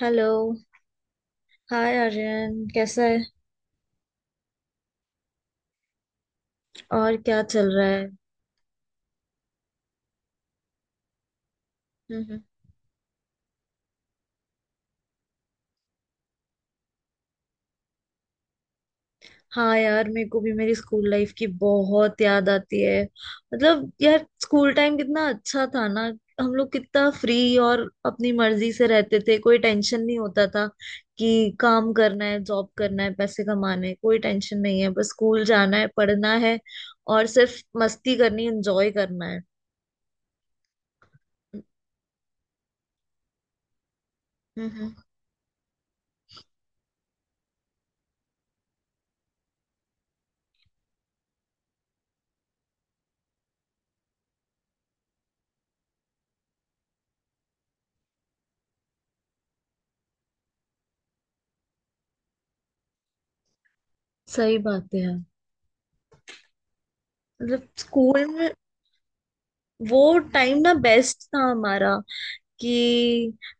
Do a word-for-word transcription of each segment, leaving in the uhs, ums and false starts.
Hello. Hi Aryan, कैसा है? और क्या चल रहा है? हम्म हम्म। हाँ यार, मेरे को भी मेरी स्कूल लाइफ की बहुत याद आती है। मतलब यार, स्कूल टाइम कितना अच्छा था ना। हम लोग कितना फ्री और अपनी मर्जी से रहते थे, कोई टेंशन नहीं होता था कि काम करना है, जॉब करना है, पैसे कमाने हैं, कोई टेंशन नहीं है, बस स्कूल जाना है, पढ़ना है और सिर्फ मस्ती करनी, एंजॉय करना है। हम्म हम्म। सही बात है यार। मतलब स्कूल में वो टाइम ना बेस्ट था हमारा। कि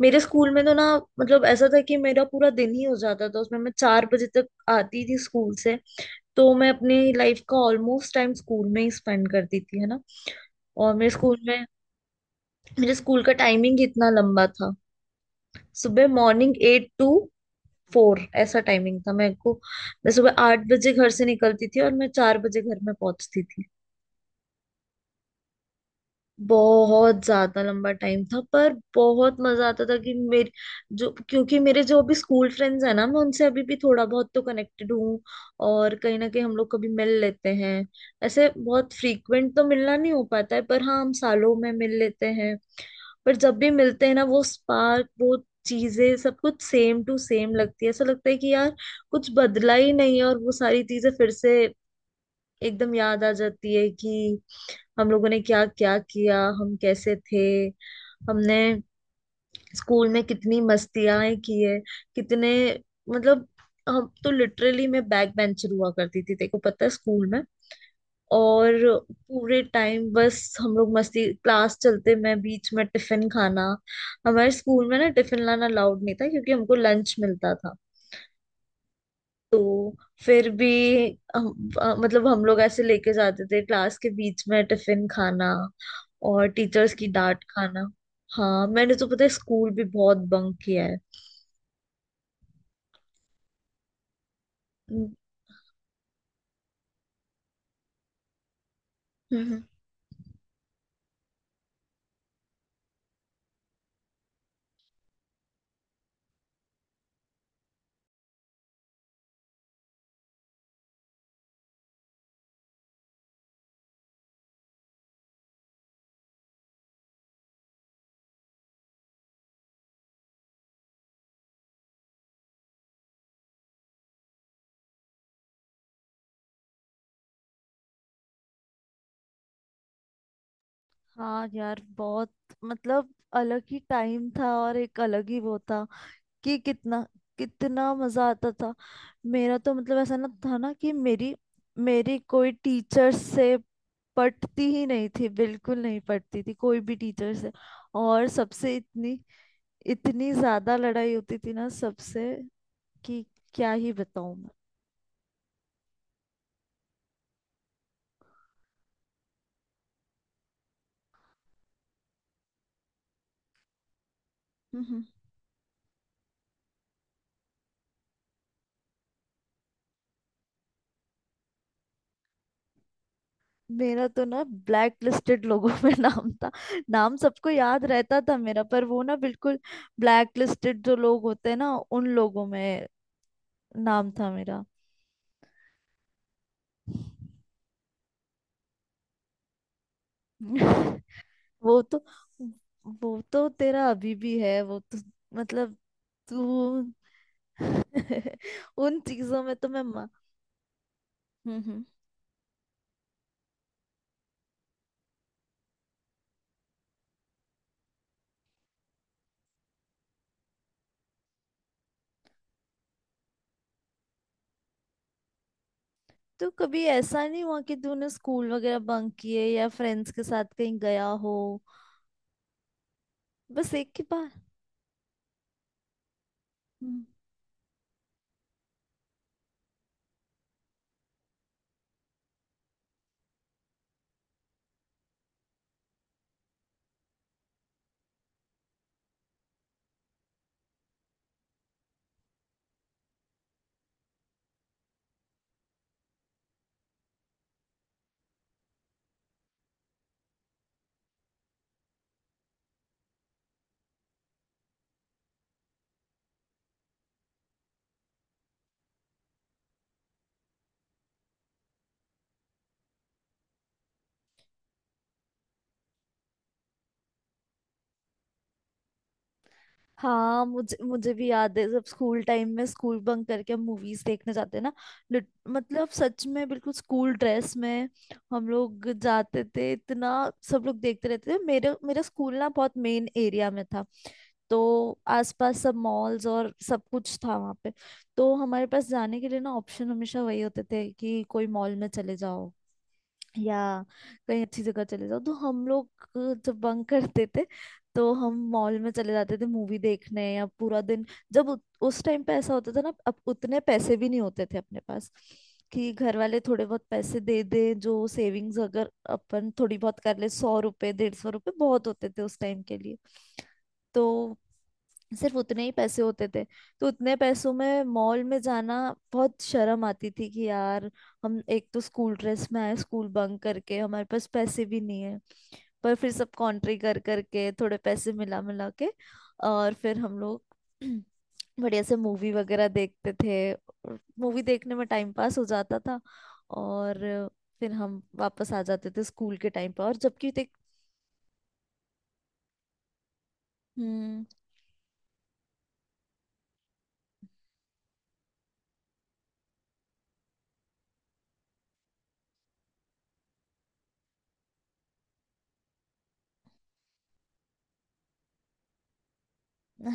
मेरे स्कूल में तो ना, मतलब ऐसा था कि मेरा पूरा दिन ही हो जाता था उसमें, मैं चार बजे तक आती थी स्कूल से। तो मैं अपनी लाइफ का ऑलमोस्ट टाइम स्कूल में ही स्पेंड करती थी, है ना। और मेरे स्कूल में, मेरे स्कूल का टाइमिंग ही इतना लंबा था। सुबह मॉर्निंग एट टू फोर ऐसा टाइमिंग था मेरे को। मैं सुबह आठ बजे घर से निकलती थी और मैं चार बजे घर में पहुंचती थी। बहुत ज्यादा लंबा टाइम था, पर बहुत मजा आता था कि मेरे जो, क्योंकि मेरे जो अभी स्कूल फ्रेंड्स हैं ना, मैं उनसे अभी भी थोड़ा बहुत तो कनेक्टेड हूँ। और कहीं ना कहीं हम लोग कभी मिल लेते हैं। ऐसे बहुत फ्रीक्वेंट तो मिलना नहीं हो पाता है, पर हाँ, हम सालों में मिल लेते हैं। पर जब भी मिलते हैं ना, वो स्पार्क, वो चीजें सब कुछ सेम टू सेम लगती है। ऐसा लगता है कि यार, कुछ बदला ही नहीं है। और वो सारी चीजें फिर से एकदम याद आ जाती है कि हम लोगों ने क्या क्या किया, हम कैसे थे, हमने स्कूल में कितनी मस्तियां की है। कितने मतलब, हम तो लिटरली, मैं बैक बेंचर हुआ करती थी, तेको पता है स्कूल में। और पूरे टाइम बस हम लोग मस्ती, क्लास चलते में बीच में टिफिन खाना। हमारे स्कूल में ना टिफिन लाना अलाउड नहीं था, क्योंकि हमको लंच मिलता था। तो फिर भी हम- अ, मतलब हम लोग ऐसे लेके जाते थे, क्लास के बीच में टिफिन खाना और टीचर्स की डांट खाना। हाँ, मैंने तो पता है स्कूल भी बहुत बंक किया है। हम्म हम्म। हाँ यार, बहुत। मतलब अलग ही टाइम था और एक अलग ही वो था कि कितना, कितना मजा आता था। मेरा तो मतलब ऐसा ना था ना कि मेरी मेरी कोई टीचर से पटती ही नहीं थी, बिल्कुल नहीं पटती थी कोई भी टीचर से। और सबसे इतनी, इतनी ज्यादा लड़ाई होती थी ना सबसे कि क्या ही बताऊं मैं। हम्म। मेरा तो ना ब्लैक लिस्टेड लोगों में नाम था। नाम सबको याद रहता था मेरा, पर वो ना बिल्कुल ब्लैक लिस्टेड जो लोग होते हैं ना, उन लोगों में नाम था मेरा। वो तो वो तो तेरा अभी भी है वो तो। मतलब तू, उन चीजों में तो मैं। हम्म हम्म। तो कभी ऐसा नहीं हुआ कि तूने स्कूल वगैरह बंक किए या फ्रेंड्स के साथ कहीं गया हो? बस एक ही बार। हाँ, मुझे मुझे भी याद है, जब स्कूल टाइम में स्कूल बंक करके हम मूवीज देखने जाते ना, लिट- मतलब सच में बिल्कुल स्कूल ड्रेस में हम लोग जाते थे। इतना सब लोग देखते रहते थे मेरे, मेरा स्कूल ना बहुत मेन एरिया में था। तो आसपास सब मॉल्स और सब कुछ था वहाँ पे। तो हमारे पास जाने के लिए ना ऑप्शन हमेशा वही होते थे, कि कोई मॉल में चले जाओ या कहीं अच्छी जगह चले जाओ। तो हम लोग अ, जब बंक करते थे तो हम मॉल में चले जाते थे मूवी देखने, या पूरा दिन जब उत- उस टाइम पे ऐसा होता था ना, अब उतने पैसे भी नहीं होते थे अपने पास। कि घर वाले थोड़े बहुत पैसे दे दे, जो सेविंग्स अगर अपन थोड़ी बहुत कर ले, सौ रुपए डेढ़ सौ रुपए बहुत होते थे उस टाइम के लिए। तो सिर्फ उतने ही पैसे होते थे। तो उतने पैसों में मॉल में जाना बहुत शर्म आती थी कि यार, हम एक तो स्कूल ड्रेस में आए, स्कूल बंक करके हमारे पास पैसे भी नहीं है। पर फिर सब कॉन्ट्री कर करके, थोड़े पैसे मिला मिला के और फिर हम लोग बढ़िया से मूवी वगैरह देखते थे। मूवी देखने में टाइम पास हो जाता था। और फिर हम वापस आ जाते थे स्कूल के टाइम पर और जबकि देख। हम्म।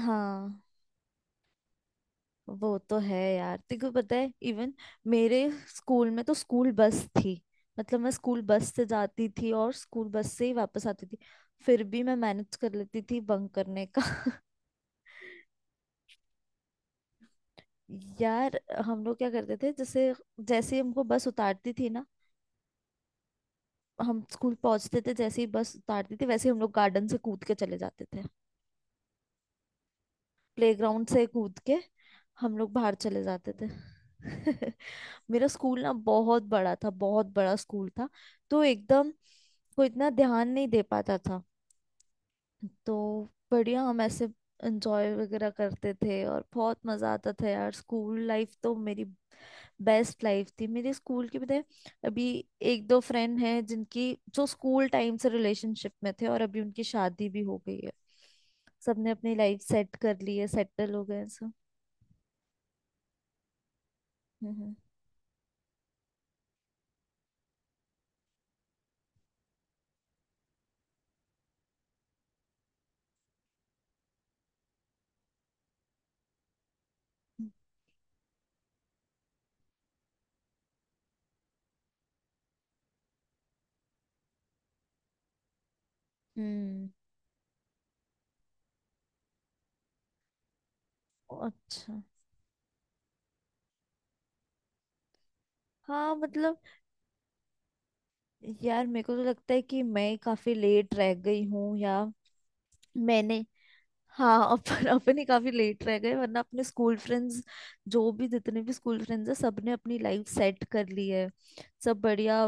हाँ, वो तो है यार, तेको पता है। इवन मेरे स्कूल में तो स्कूल बस थी। मतलब मैं स्कूल बस से जाती थी और स्कूल बस से ही वापस आती थी। फिर भी मैं मैनेज कर लेती थी बंक करने का। यार, हम लोग क्या करते थे, जैसे, जैसे ही हमको बस उतारती थी ना, हम स्कूल पहुंचते थे, जैसे ही बस उतारती थी वैसे ही हम लोग गार्डन से कूद के चले जाते थे, प्लेग्राउंड से कूद के हम लोग बाहर चले जाते थे। मेरा स्कूल ना बहुत बड़ा था, बहुत बड़ा स्कूल था। तो एकदम को इतना ध्यान नहीं दे पाता था। तो बढ़िया हम ऐसे एंजॉय वगैरह करते थे। और बहुत मजा आता था यार, स्कूल लाइफ तो मेरी बेस्ट लाइफ थी मेरे स्कूल के बताए। अभी एक दो फ्रेंड हैं जिनकी, जो स्कूल टाइम से रिलेशनशिप में थे और अभी उनकी शादी भी हो गई है। सबने अपनी लाइफ सेट कर ली है, सेटल हो गए हैं सब। हम्म हम्म। अच्छा। हाँ, मतलब यार, मेरे को तो लगता है कि मैं काफी लेट रह गई हूँ, या मैंने, हाँ अपन, अपन ही काफी लेट रह गए। वरना अपने स्कूल फ्रेंड्स, जो भी जितने भी स्कूल फ्रेंड्स हैं, सबने अपनी लाइफ सेट कर ली है। सब बढ़िया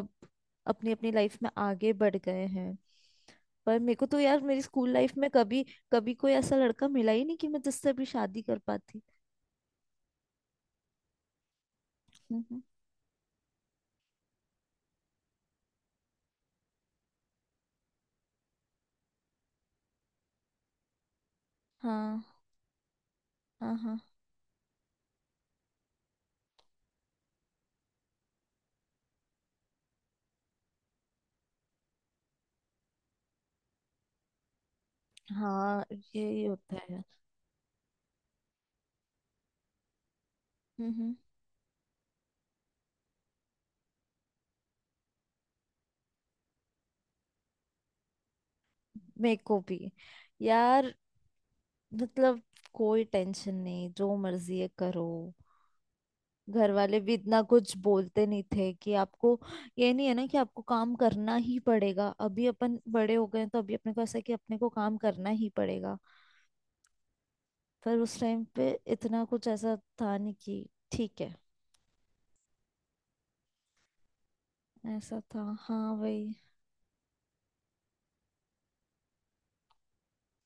अपनी अपनी लाइफ में आगे बढ़ गए हैं। पर मेरे को तो यार, मेरी स्कूल लाइफ में कभी कभी कोई ऐसा लड़का मिला ही नहीं कि मैं जिससे भी शादी कर पाती। हम्म। हाँ हाँ। हाँ हाँ, यही होता है। हम्म। मेरे को भी यार, मतलब कोई टेंशन नहीं, जो मर्जी है करो। घर वाले भी इतना कुछ बोलते नहीं थे कि आपको, ये नहीं है ना कि आपको काम करना ही पड़ेगा। अभी अपन बड़े हो गए हैं, तो अभी अपने को ऐसा है कि अपने को काम करना ही पड़ेगा। पर उस टाइम पे इतना कुछ ऐसा था नहीं कि, ठीक है। ऐसा था, हाँ भाई।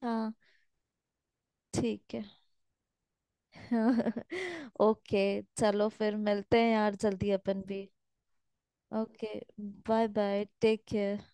हाँ, ठीक है। ओके, चलो फिर मिलते हैं यार जल्दी अपन भी। Okay, bye bye, take care.